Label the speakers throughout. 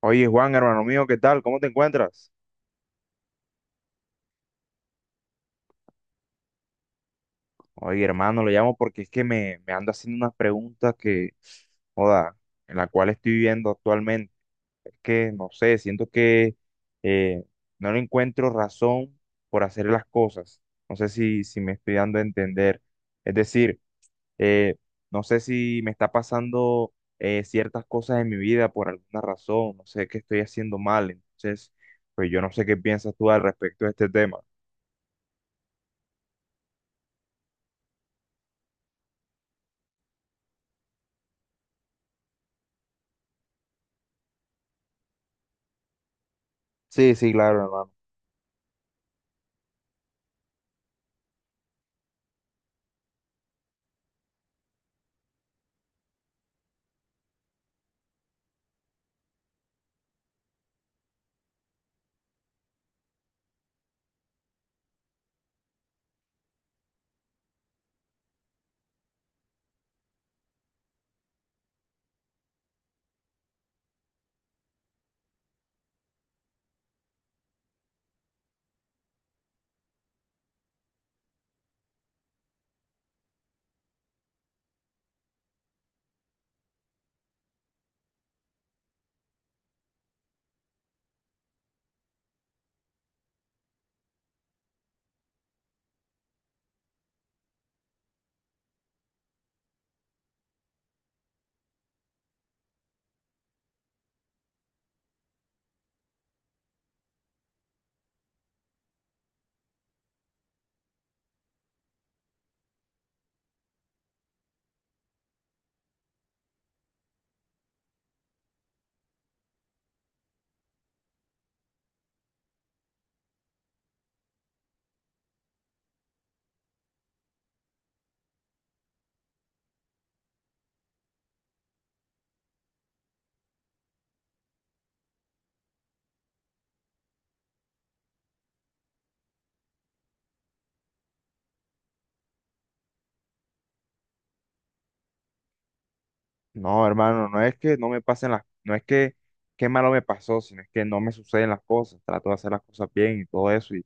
Speaker 1: Oye, Juan, hermano mío, ¿qué tal? ¿Cómo te encuentras? Oye, hermano, lo llamo porque es que me ando haciendo unas preguntas que, joda, en la cual estoy viviendo actualmente. Es que, no sé, siento que eh, no le encuentro razón por hacer las cosas. No sé si me estoy dando a entender. Es decir, eh, no sé si me está pasando ciertas cosas en mi vida por alguna razón. No sé qué estoy haciendo mal. Entonces, pues yo no sé qué piensas tú al respecto de este tema. Sí, sí, claro, hermano. No, hermano, no es que no me pasen las, no es que qué malo me pasó, sino es que no me suceden las cosas, trato de hacer las cosas bien y todo eso y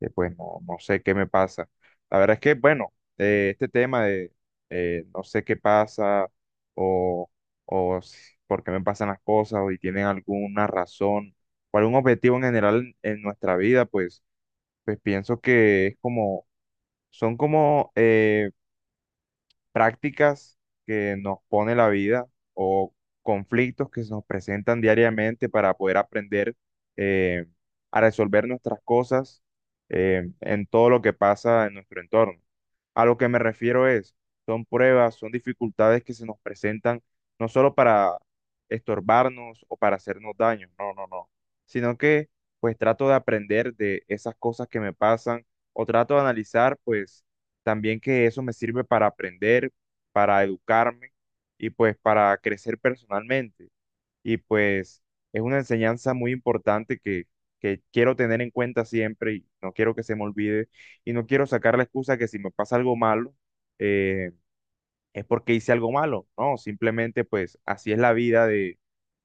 Speaker 1: pues no, no sé qué me pasa. La verdad es que, bueno, este tema de no sé qué pasa o, por qué me pasan las cosas o si tienen alguna razón o algún objetivo en general en nuestra vida, pues pienso que es como, son como... prácticas que nos pone la vida o conflictos que se nos presentan diariamente para poder aprender eh, a resolver nuestras cosas en todo lo que pasa en nuestro entorno. A lo que me refiero es, son pruebas, son dificultades que se nos presentan no solo para estorbarnos o para hacernos daño, no, no, no, sino que pues trato de aprender de esas cosas que me pasan o trato de analizar pues también que eso me sirve para aprender, para educarme y pues para crecer personalmente. Y pues es una enseñanza muy importante que quiero tener en cuenta siempre y no quiero que se me olvide y no quiero sacar la excusa que si me pasa algo malo, eh, es porque hice algo malo, no, simplemente pues así es la vida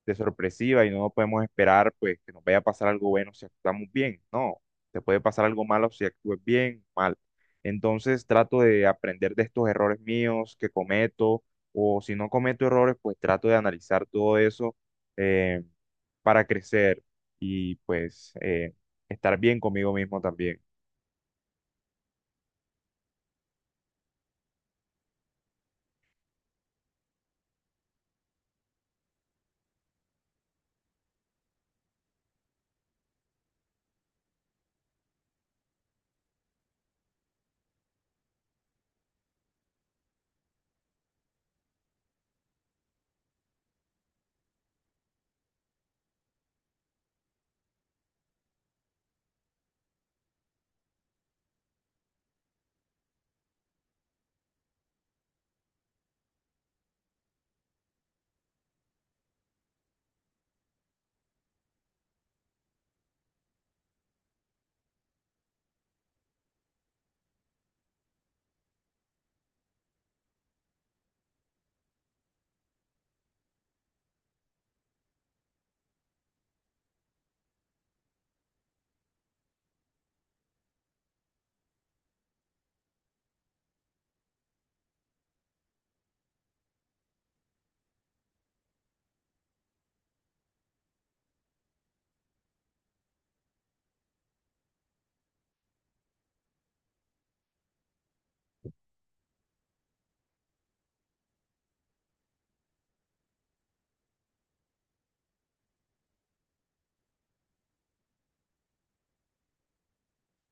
Speaker 1: de sorpresiva y no podemos esperar pues que nos vaya a pasar algo bueno si actuamos bien, no, te puede pasar algo malo si actúes bien, mal. Entonces trato de aprender de estos errores míos que cometo o si no cometo errores pues trato de analizar todo eso eh, para crecer y pues estar bien conmigo mismo también.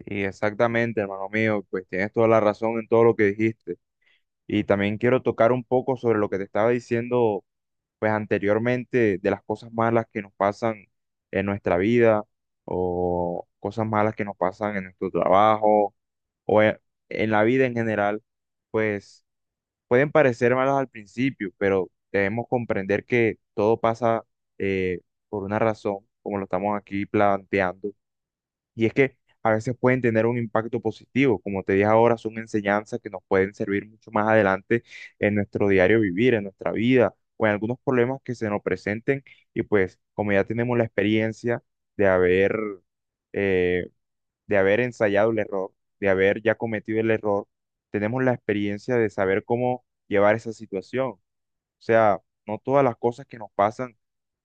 Speaker 1: Y exactamente, hermano mío, pues tienes toda la razón en todo lo que dijiste. Y también quiero tocar un poco sobre lo que te estaba diciendo, pues anteriormente, de las cosas malas que nos pasan en nuestra vida o cosas malas que nos pasan en nuestro trabajo o e- en la vida en general, pues pueden parecer malas al principio, pero debemos comprender que todo pasa eh, por una razón, como lo estamos aquí planteando y es que a veces pueden tener un impacto positivo, como te dije ahora, son enseñanzas que nos pueden servir mucho más adelante en nuestro diario vivir, en nuestra vida o en algunos problemas que se nos presenten. Y pues como ya tenemos la experiencia de eh, de haber ensayado el error, de haber ya cometido el error, tenemos la experiencia de saber cómo llevar esa situación. O sea, no todas las cosas que nos pasan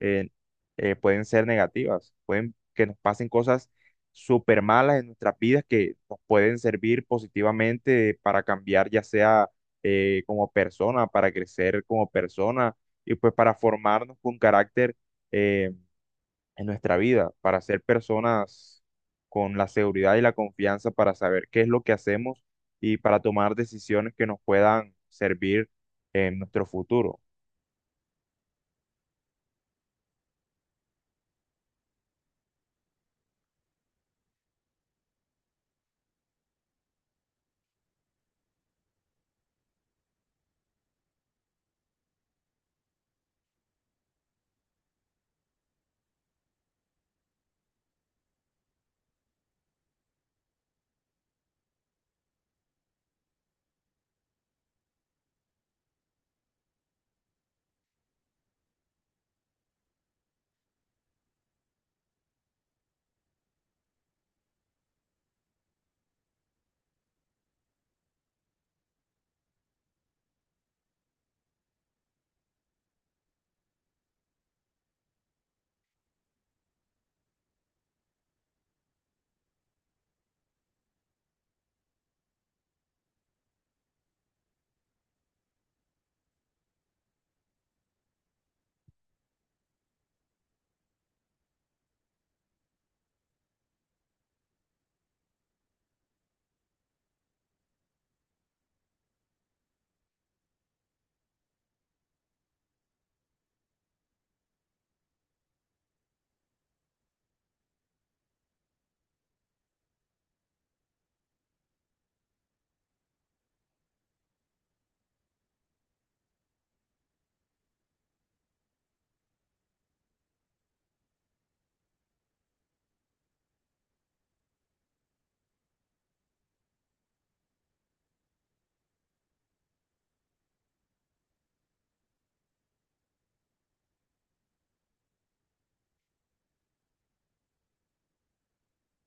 Speaker 1: eh, pueden ser negativas, pueden que nos pasen cosas súper malas en nuestras vidas que nos pueden servir positivamente para cambiar, ya sea como persona, para crecer como persona y pues para formarnos con carácter eh, en nuestra vida, para ser personas con la seguridad y la confianza para saber qué es lo que hacemos y para tomar decisiones que nos puedan servir en nuestro futuro.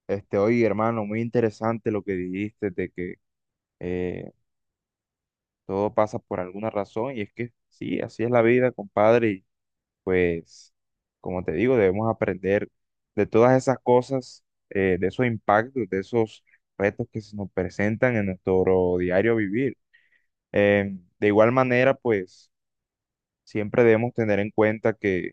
Speaker 1: Este, oye, hermano, muy interesante lo que dijiste de que eh, todo pasa por alguna razón y es que sí, así es la vida, compadre, y pues, como te digo, debemos aprender de todas esas cosas, de esos impactos, de esos retos que se nos presentan en nuestro diario vivir. De igual manera, pues, siempre debemos tener en cuenta que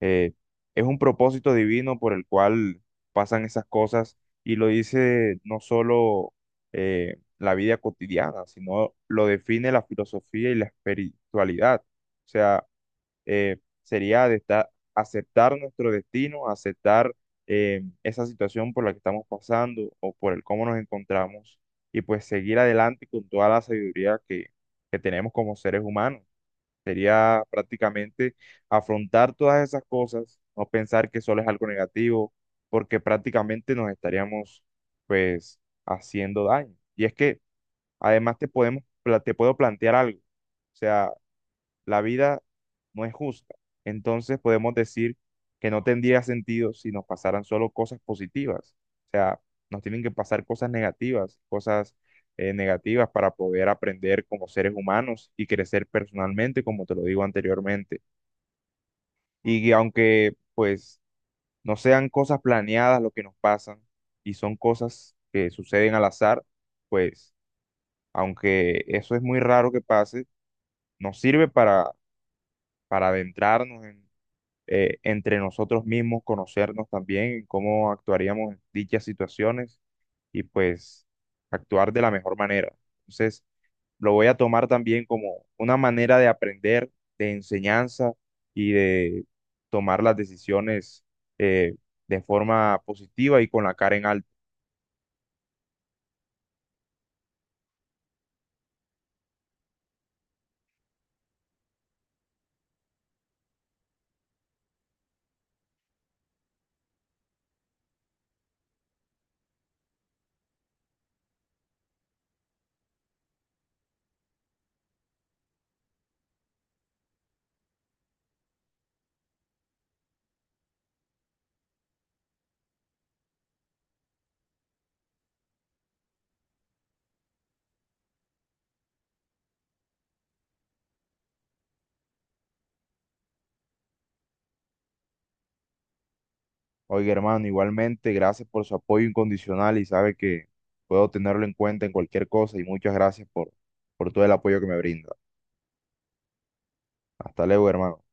Speaker 1: eh, es un propósito divino por el cual pasan esas cosas y lo dice no solo la vida cotidiana, sino lo define la filosofía y la espiritualidad. O sea, eh, sería de esta- aceptar nuestro destino, aceptar esa situación por la que estamos pasando o por el cómo nos encontramos y pues seguir adelante con toda la sabiduría que tenemos como seres humanos. Sería prácticamente afrontar todas esas cosas, no pensar que solo es algo negativo, porque prácticamente nos estaríamos pues haciendo daño. Y es que además te te puedo plantear algo. O sea, la vida no es justa. Entonces podemos decir que no tendría sentido si nos pasaran solo cosas positivas. O sea, nos tienen que pasar cosas negativas para poder aprender como seres humanos y crecer personalmente, como te lo digo anteriormente. Y que aunque pues no sean cosas planeadas lo que nos pasan y son cosas que suceden al azar, pues aunque eso es muy raro que pase, nos sirve para adentrarnos en entre nosotros mismos, conocernos también, cómo actuaríamos en dichas situaciones y pues actuar de la mejor manera. Entonces, lo voy a tomar también como una manera de aprender, de enseñanza y de tomar las decisiones eh, de forma positiva y con la cara en alto. Oiga, hermano, igualmente, gracias por su apoyo incondicional y sabe que puedo tenerlo en cuenta en cualquier cosa y muchas gracias por todo el apoyo que me brinda. Hasta luego, hermano.